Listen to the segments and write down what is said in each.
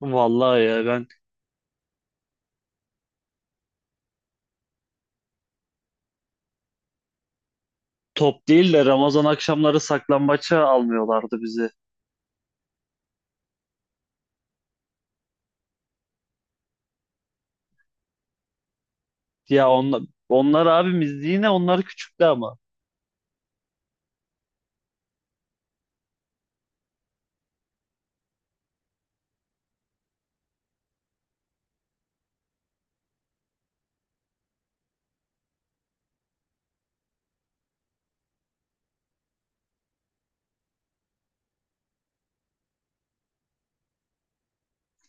Vallahi ya ben top değil de Ramazan akşamları saklambaça almıyorlardı bizi. Ya onlar, onlar abimiz yine onlar küçüktü ama.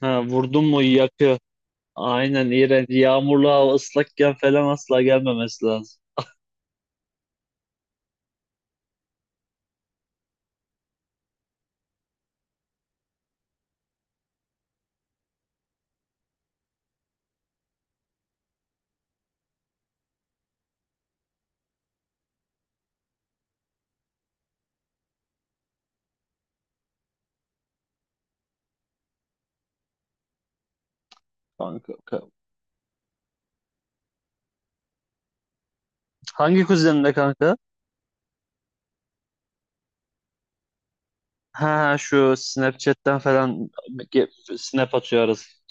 Ha, vurdun mu yakıyor. Aynen iğrenç. Yağmurlu hava ıslakken falan asla gelmemesi lazım. Kanka, hangi kuzeninde kanka? Ha şu Snapchat'ten falan snap atıyoruz.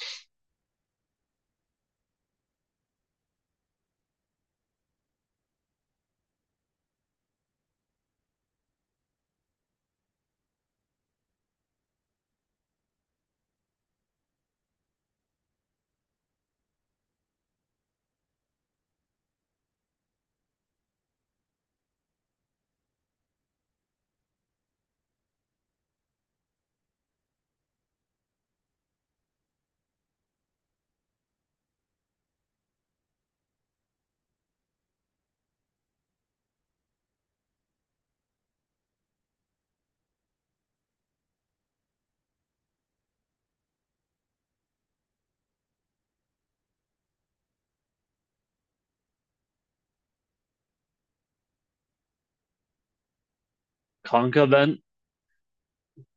Kanka ben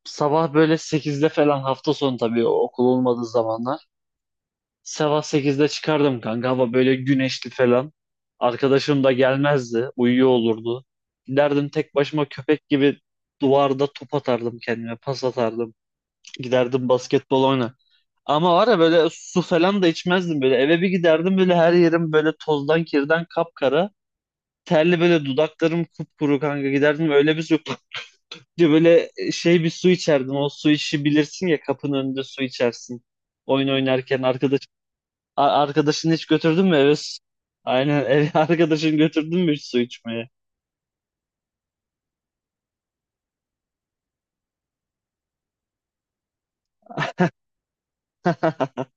sabah böyle sekizde falan hafta sonu tabii okul olmadığı zamanlar. Sabah sekizde çıkardım kanka. Hava böyle güneşli falan. Arkadaşım da gelmezdi. Uyuyor olurdu. Giderdim tek başıma köpek gibi duvarda top atardım kendime. Pas atardım. Giderdim basketbol oyna. Ama var ya böyle su falan da içmezdim böyle. Eve bir giderdim böyle her yerim böyle tozdan kirden kapkara. Terli böyle dudaklarım kupkuru kanka giderdim öyle bir su diye böyle şey bir su içerdim. O su işi bilirsin ya kapının önünde su içersin. Oyun oynarken arkadaş arkadaşını hiç götürdün mü eve? Aynen eve arkadaşını götürdün mü hiç su içmeye?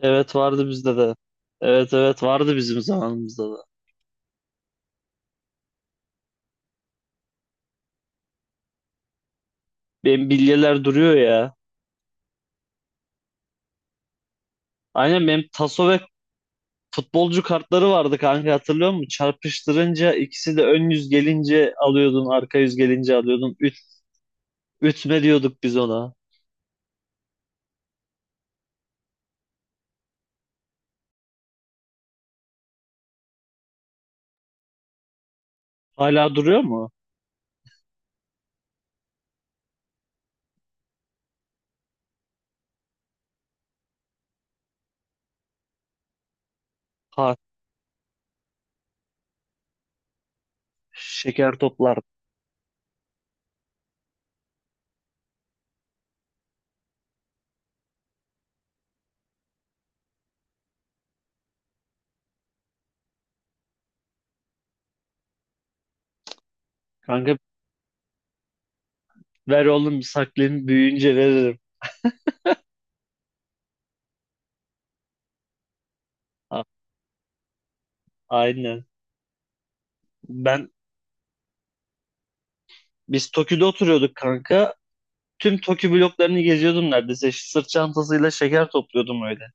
Evet vardı bizde de. Evet, evet, vardı bizim zamanımızda da. Benim bilyeler duruyor ya. Aynen benim taso ve futbolcu kartları vardı kanka hatırlıyor musun? Çarpıştırınca ikisi de ön yüz gelince alıyordun, arka yüz gelince alıyordun. Ütme diyorduk biz ona. Hala duruyor mu? Ha, şeker toplar. Kanka ver oğlum saklayayım büyüyünce veririm. A- aynen. Ben Biz Tokyo'da oturuyorduk kanka. Tüm Tokyo bloklarını geziyordum neredeyse. Sırt çantasıyla şeker topluyordum öyle.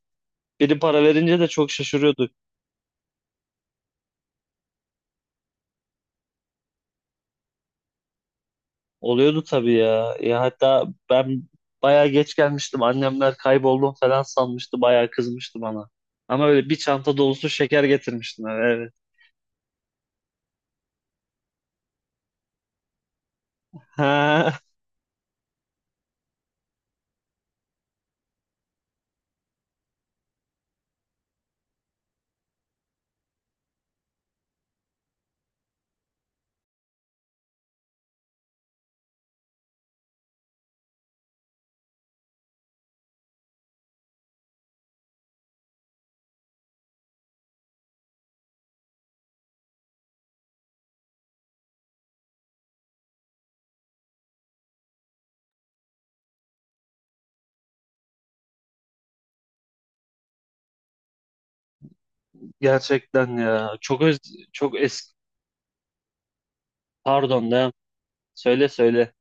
Biri para verince de çok şaşırıyorduk. Oluyordu tabii ya. Ya hatta ben bayağı geç gelmiştim. Annemler kayboldum falan sanmıştı. Bayağı kızmıştı bana. Ama öyle bir çanta dolusu şeker getirmiştim eve, evet. Ha, gerçekten ya. Çok eski. Pardon da. Söyle söyle.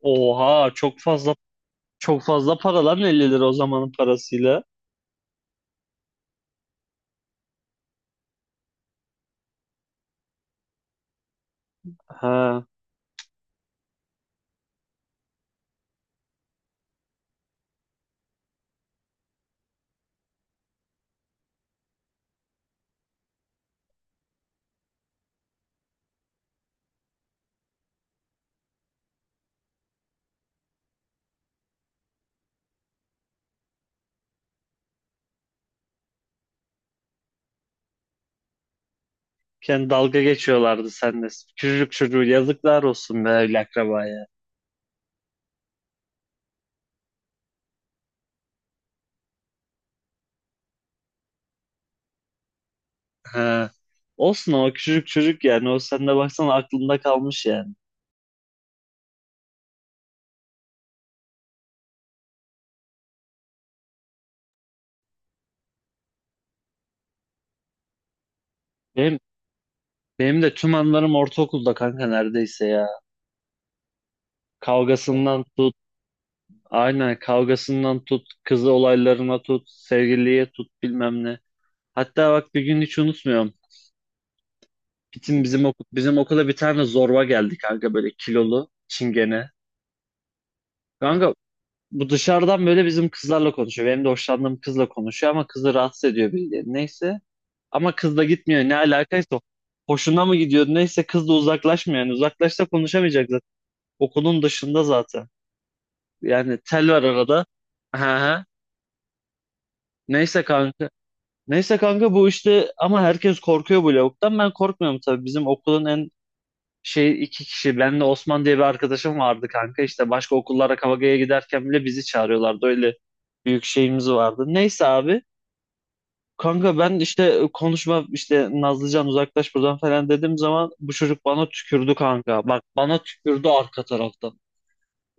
Oha çok fazla para lan 50 lira o zamanın parasıyla. Ha. Kendi dalga geçiyorlardı seninle. Küçücük çocuğu yazıklar olsun be öyle akrabaya. Ha. Olsun ama küçücük çocuk yani. O sen de baksana aklında kalmış yani. Benim, benim de tüm anılarım ortaokulda kanka neredeyse ya. Kavgasından tut. Aynen kavgasından tut. Kızı olaylarına tut. Sevgiliye tut bilmem ne. Hatta bak bir gün hiç unutmuyorum. Bizim okula bir tane zorba geldi kanka böyle kilolu. Çingene. Kanka bu dışarıdan böyle bizim kızlarla konuşuyor. Benim de hoşlandığım kızla konuşuyor ama kızı rahatsız ediyor bildiğin. Neyse. Ama kız da gitmiyor. Ne alakaysa hoşuna mı gidiyor? Neyse kız da uzaklaşmıyor. Yani uzaklaşsa konuşamayacak zaten. Okulun dışında zaten. Yani tel var arada. Aha. Neyse kanka. Neyse kanka bu işte ama herkes korkuyor bu lavuktan. Ben korkmuyorum tabii. Bizim okulun en şey iki kişi. Ben de Osman diye bir arkadaşım vardı kanka. İşte başka okullara kavgaya giderken bile bizi çağırıyorlardı. Öyle büyük şeyimiz vardı. Neyse abi. Kanka ben işte konuşma işte Nazlıcan uzaklaş buradan falan dediğim zaman bu çocuk bana tükürdü kanka. Bak bana tükürdü arka taraftan.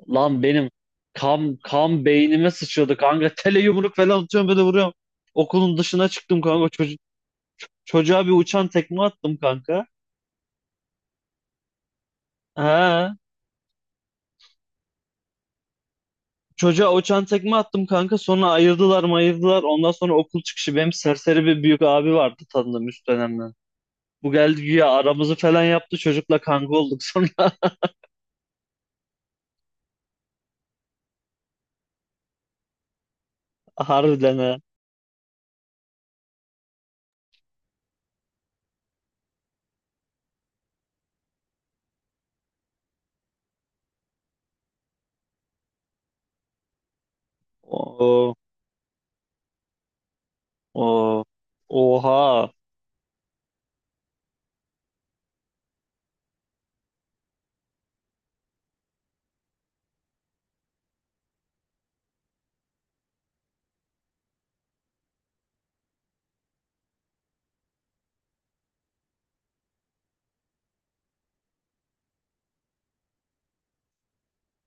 Lan benim kan beynime sıçradı kanka. Tele yumruk falan atıyorum böyle vuruyorum. Okulun dışına çıktım kanka. Çocuğa bir uçan tekme attım kanka. Ha. Çocuğa uçan tekme attım kanka. Sonra ayırdılar mayırdılar. Ondan sonra okul çıkışı benim serseri bir büyük abi vardı tanıdığım üst dönemden. Bu geldi güya aramızı falan yaptı. Çocukla kanka olduk sonra. Harbiden ha. Oo, oo. Oha.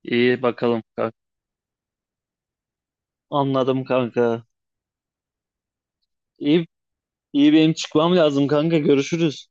İyi bakalım kanka. Anladım kanka. İyi, iyi benim çıkmam lazım kanka. Görüşürüz.